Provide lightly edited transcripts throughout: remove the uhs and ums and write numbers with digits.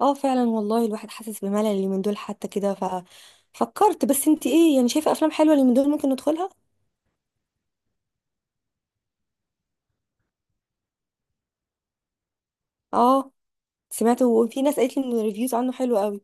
اه فعلا والله الواحد حاسس بملل اليومين دول حتى كده. ففكرت، بس انت ايه يعني؟ شايفه افلام حلوه اليومين دول ممكن ندخلها؟ اه سمعت، وفي ناس قالت لي ان الريفيوز عنه حلوه قوي.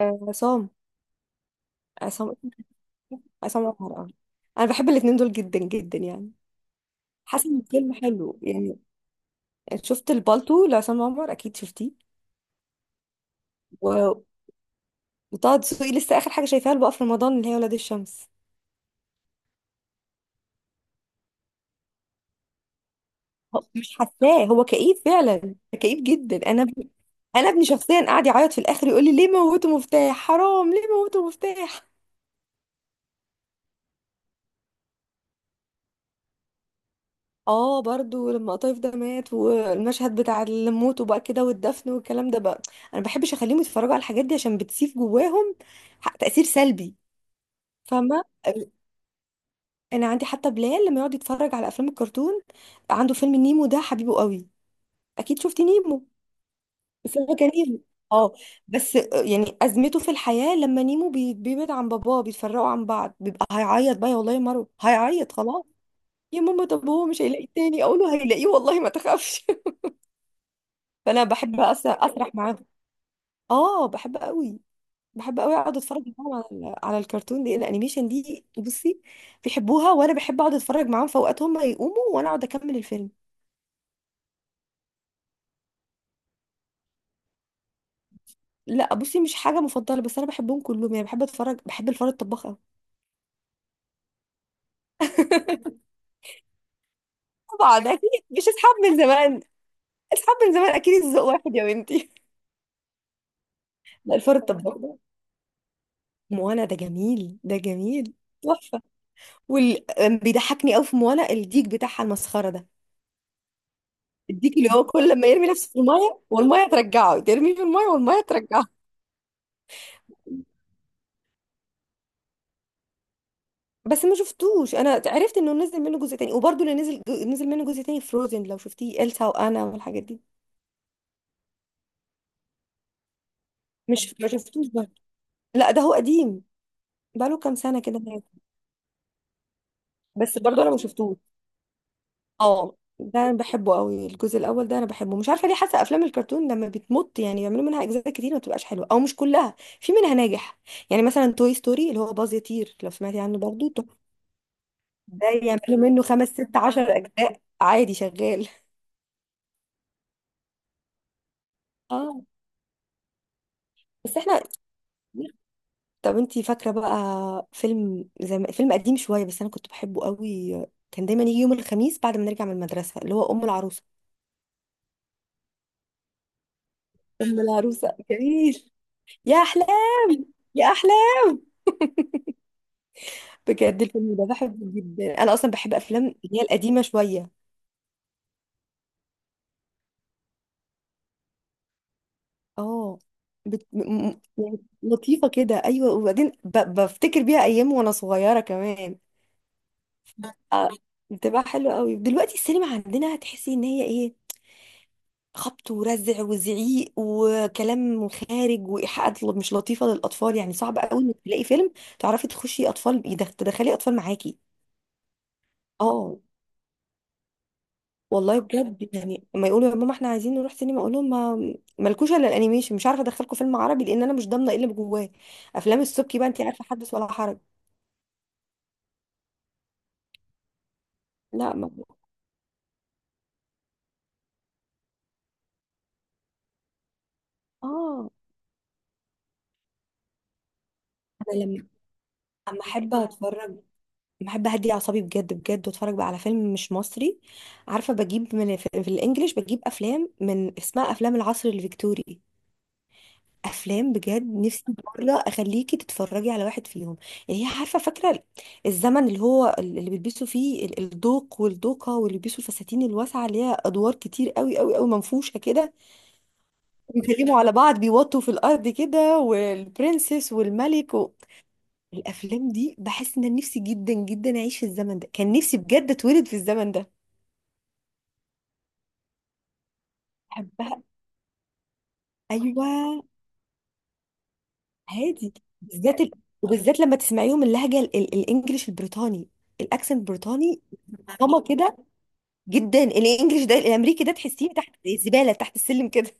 عصام. عصام. عصام عمر. اه انا بحب الاتنين دول جدا جدا يعني. حاسه ان الفيلم حلو يعني. شفت البالتو لعصام عمر؟ اكيد شفتيه. و... وطه دسوقي لسه اخر حاجه شايفاها له بقى في رمضان اللي هي ولاد الشمس. مش حاساه هو كئيب فعلا؟ كئيب جدا. انا ابني شخصيا قاعد يعيط في الاخر، يقول لي ليه موتوا مفتاح، حرام ليه موتوا مفتاح. اه برضو لما قطايف ده مات، والمشهد بتاع الموت وبقى كده، والدفن والكلام ده بقى. انا بحبش اخليهم يتفرجوا على الحاجات دي عشان بتسيب جواهم تأثير سلبي. فاهمة ال- انا عندي حتى بلال لما يقعد يتفرج على افلام الكرتون. عنده فيلم نيمو ده حبيبه قوي. اكيد شفتي نيمو؟ بس هو كان نيمو. اه. بس يعني ازمته في الحياه لما نيمو بيبعد عن باباه، بيتفرقوا عن بعض، بيبقى هيعيط بقى يا والله يا مارو، هيعيط خلاص. يا ماما طب هو مش هيلاقي التاني؟ اقول له هيلاقيه والله، ما تخافش. فانا بحب اسرح معاهم. اه بحب قوي. بحب قوي اقعد اتفرج معاهم على على الكرتون دي، الانيميشن دي. بصي بيحبوها، وانا بحب اقعد اتفرج معاهم، في اوقات هم يقوموا وانا اقعد اكمل الفيلم. لا بصي مش حاجه مفضله، بس انا بحبهم كلهم يعني. بحب اتفرج، بحب الفار الطباخ قوي. طبعا اكيد مش اصحاب من زمان. اصحاب من زمان اكيد الذوق واحد يا بنتي. لا الفار الطباخ ده. موانا ده جميل، ده جميل. تحفه. وال... بيضحكني قوي في موانا الديك بتاعها المسخره ده. الديك اللي هو كل لما يرمي نفسه في الميه والميه ترجعه، ترميه في الميه والميه ترجعه. بس ما شفتوش. انا عرفت انه نزل منه جزء تاني، وبرضه اللي نزل نزل منه جزء تاني فروزن، لو شفتيه إلسا وانا والحاجات دي. مش ما شفتوش برضه. لا ده هو قديم. بقاله كام سنه كده هناك. بس برضه انا ما شفتوش. اه ده انا بحبه قوي، الجزء الاول ده انا بحبه. مش عارفه ليه حاسه افلام الكرتون لما بتمط يعني بيعملوا منها اجزاء كتير، ما بتبقاش حلوه، او مش كلها، في منها ناجح. يعني مثلا توي ستوري اللي هو باز يطير، لو سمعتي عنه برضه، ده يعملوا منه خمس ست عشر اجزاء عادي شغال. اه بس احنا طب انتي فاكره بقى فيلم فيلم قديم شويه بس انا كنت بحبه قوي. كان دايما يجي يوم الخميس بعد ما نرجع من المدرسه، اللي هو ام العروسه. ام العروسه جميل. يا احلام. يا احلام. بجد الفيلم ده بحبه جدا، انا اصلا بحب افلام اللي هي القديمه شويه. اه يعني لطيفه كده، ايوه. وبعدين بفتكر بيها ايام وانا صغيره كمان. آه، بتبقى حلوه قوي. دلوقتي السينما عندنا هتحسي ان هي ايه، خبط ورزع وزعيق وكلام خارج وايحاءات مش لطيفه للاطفال، يعني صعب قوي انك تلاقي فيلم تعرفي تخشي اطفال، تدخلي اطفال معاكي. اه والله بجد، يعني لما يقولوا يا ماما احنا عايزين نروح سينما، اقول لهم ما مالكوش الا الانيميشن، مش عارفه ادخلكم فيلم عربي لان انا مش ضامنه ايه اللي جواه. افلام السبكي بقى انت عارفه، حدث ولا حرج. لا ما اه انا لما اما احب اتفرج، لما احب اهدي اعصابي بجد بجد، واتفرج بقى على فيلم مش مصري، عارفه؟ بجيب من في الانجليش، بجيب افلام من اسمها افلام العصر الفيكتوري. افلام بجد نفسي مره اخليكي تتفرجي على واحد فيهم يعني. هي عارفه فاكره الزمن اللي هو اللي بيلبسوا فيه الدوق والدوقه، واللي بيلبسوا الفساتين الواسعه، اللي هي ادوار كتير قوي قوي قوي، منفوشه كده. بيكلموا على بعض بيوطوا في الارض كده، والبرنسس والملك الافلام دي بحس ان أنا نفسي جدا جدا اعيش في الزمن ده. كان نفسي بجد اتولد في الزمن ده. بحبها. ايوه هادي. بالذات ال... وبالذات لما تسمعيهم اللهجه الانجليش البريطاني، الاكسنت البريطاني. ماما كده، جدا. الانجليش ده الامريكي ده تحسيه تحت، زي الزباله تحت السلم كده.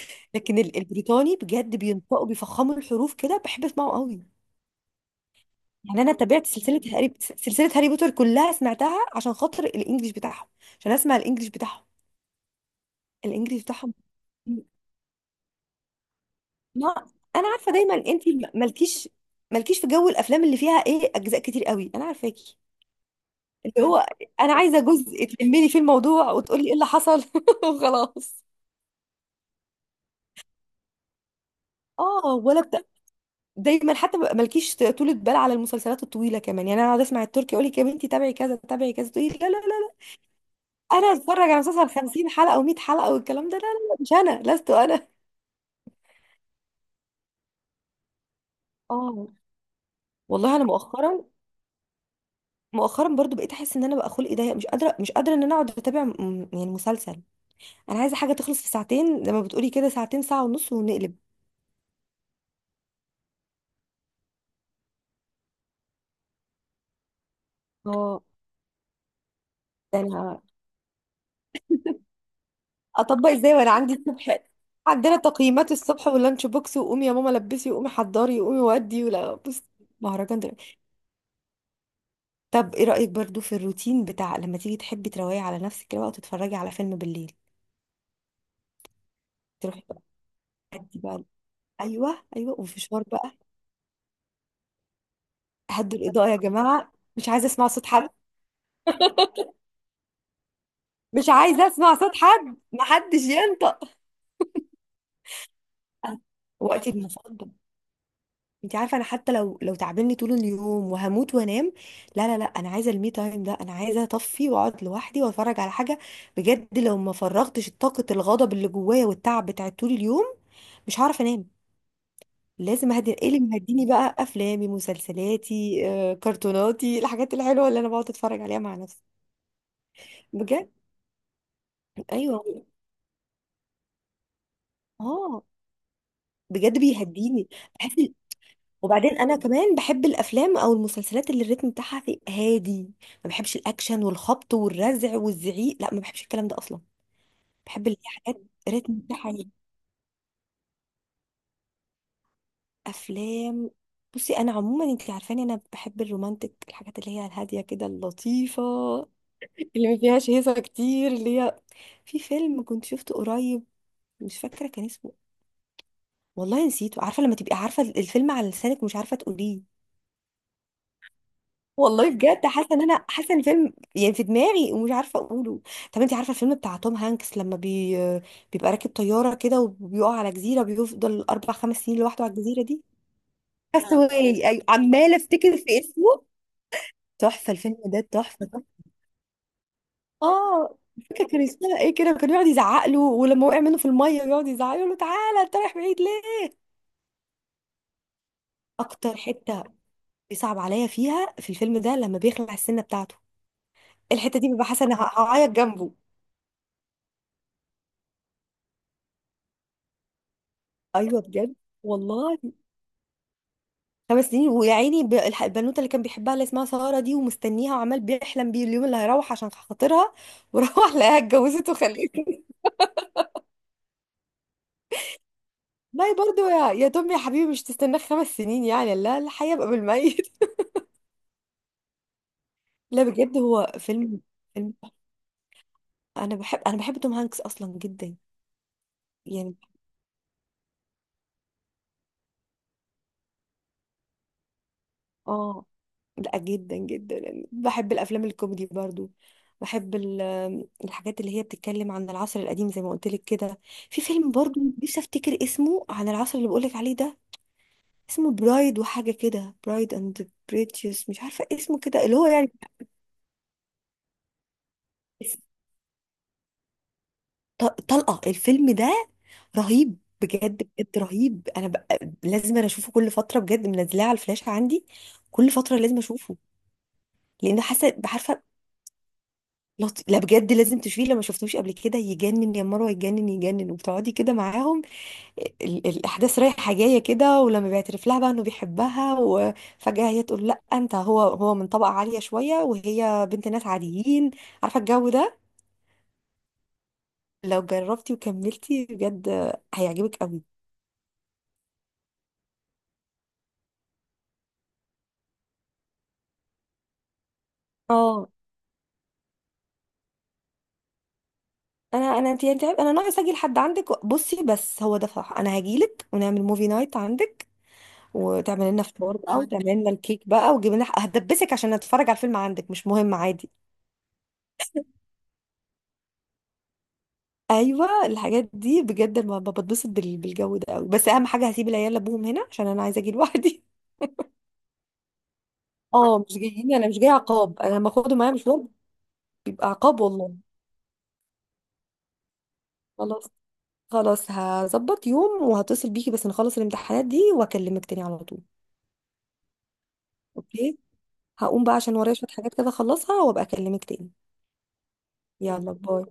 لكن البريطاني بجد بينطقوا بيفخموا الحروف كده، بحب اسمعه قوي. يعني انا تابعت سلسله هاري بوتر كلها، سمعتها عشان خاطر الانجليش بتاعهم، عشان اسمع الانجليش بتاعهم. ما انا عارفه دايما انت مالكيش مالكيش في جو الافلام اللي فيها ايه، اجزاء كتير قوي، انا عارفاكي. اللي هو انا عايزه جزء تلمني في الموضوع وتقولي ايه اللي حصل وخلاص. اه دايما حتى مالكيش طولة بال على المسلسلات الطويله كمان يعني. انا اقعد اسمع التركي، يقول لك يا بنتي تابعي كذا تابعي كذا، تقولي لا لا لا لا. انا اتفرج على مسلسل 50 حلقه و100 حلقه والكلام ده؟ لا لا لا، مش انا، لست انا. اه والله انا مؤخرا برضو بقيت احس ان انا بقى خلقي ضيق، مش قادره مش قادره ان انا اقعد اتابع يعني مسلسل. انا عايزه حاجه تخلص في ساعتين، زي ما بتقولي كده، ساعتين، ساعه ونص ونقلب. اه يعني، اطبق ازاي وانا عندي الصبح؟ عندنا تقييمات الصبح واللانش بوكس، وقومي يا ماما لبسي، وقومي حضري، وقومي ودي، ولا بص. مهرجان دلوقتي. طب ايه رأيك برضو في الروتين بتاع لما تيجي تحبي تروقي على نفسك كده بقى، وتتفرجي على فيلم بالليل؟ تروحي بقى، هدي بقى. ايوه ايوه، وفشار بقى. هدوا الاضاءة يا جماعة، مش عايزة اسمع صوت حد، مش عايزة اسمع صوت حد، محدش ينطق. وقتي المفضل. انت عارفه انا حتى لو تعبني طول اليوم وهموت وانام، لا لا لا، انا عايزه المي تايم ده، انا عايزه اطفي واقعد لوحدي واتفرج على حاجه. بجد لو ما فرغتش طاقه الغضب اللي جوايا والتعب بتاع طول اليوم، مش هعرف انام. لازم اهدي، ايه اللي مهديني بقى؟ افلامي، مسلسلاتي، كرتوناتي، الحاجات الحلوه اللي انا بقعد اتفرج عليها مع نفسي بجد. ايوه. اه بجد بيهديني. بحس وبعدين انا كمان بحب الافلام او المسلسلات اللي الريتم بتاعها هادي. ما بحبش الاكشن والخبط والرزع والزعيق، لا ما بحبش الكلام ده اصلا. بحب اللي هي حاجات ريتم بتاعها هادي. افلام، بصي انا عموما انت عارفاني انا بحب الرومانتك، الحاجات اللي هي الهاديه كده، اللطيفه، اللي ما فيهاش هيصه كتير، اللي هي في فيلم كنت شفته قريب، مش فاكره كان اسمه، والله نسيته. عارفه لما تبقي عارفه الفيلم على لسانك ومش عارفه تقوليه؟ والله بجد حاسه ان انا حاسه ان الفيلم يعني في دماغي ومش عارفه اقوله. طب انت عارفه الفيلم بتاع توم هانكس، لما بيبقى راكب طياره كده وبيقع على جزيره، بيفضل اربع خمس سنين لوحده على الجزيره دي؟ كاستاوي، ايوه، عماله افتكر في اسمه. تحفه الفيلم ده، تحفه تحفة. اه فاكره كان اسمها ايه كده، كان يقعد يزعق له، ولما وقع منه في الميه يقعد يزعق له، تعالى انت رايح بعيد ليه. اكتر حته بيصعب عليا فيها في الفيلم ده لما بيخلع السنه بتاعته، الحته دي ببقى حاسه ان هعيط جنبه. ايوه بجد والله. خمس سنين، ويا عيني البنوته اللي كان بيحبها اللي اسمها ساره دي، ومستنيها، وعمال بيحلم بيه اليوم اللي هيروح عشان خاطرها، وروح لقاها اتجوزت وخلفت. باي برضو يا توم يا حبيبي، مش تستناك خمس سنين يعني؟ لا الحياه بقى بالميت. لا بجد هو فيلم. فيلم، انا بحب، انا بحب توم هانكس اصلا جدا يعني. اه لا جدا جدا يعني بحب الافلام الكوميدي برضو. بحب الحاجات اللي هي بتتكلم عن العصر القديم زي ما قلت لك كده. في فيلم برضو نفسي افتكر اسمه، عن العصر اللي بقولك عليه ده، اسمه برايد وحاجة كده، برايد اند بريتيوس، مش عارفة اسمه كده، اللي هو يعني. طلقة الفيلم ده، رهيب بجد، بجد رهيب. انا بقى لازم انا اشوفه كل فترة بجد، منزلاه على الفلاشة عندي، كل فترة لازم اشوفه. لان حاسة بعارفة. لا بجد لازم تشوفيه، لما شفتوش قبل كده، يجنن يا مروة يجنن يجنن، وبتقعدي كده معاهم الاحداث رايحه جايه كده، ولما بيعترف لها بقى انه بيحبها، وفجاه هي تقول لا انت هو من طبقه عاليه شويه وهي بنت ناس عاديين. عارفه الجو ده؟ لو جربتي وكملتي بجد هيعجبك قوي. اه انا انا انت انت انا ناقص اجي لحد عندك، بصي بس هو ده صح. انا هجيلك ونعمل موفي نايت عندك، وتعمل لنا فطار بقى، وتعمل لنا الكيك بقى، وتجيب لنا هدبسك عشان اتفرج على الفيلم عندك، مش مهم عادي. ايوه الحاجات دي بجد ما بتبسط بالجو ده قوي، بس اهم حاجه هسيب العيال لابوهم هنا عشان انا عايزه اجي لوحدي. اه مش جايين، انا مش جايه عقاب. انا لما اخده معايا مشوار بيبقى عقاب والله. خلاص. خلاص هظبط يوم وهتصل بيكي، بس نخلص الامتحانات دي واكلمك تاني على طول. اوكي. هقوم بقى عشان ورايا شويه حاجات كده اخلصها، وابقى اكلمك تاني. يلا، باي.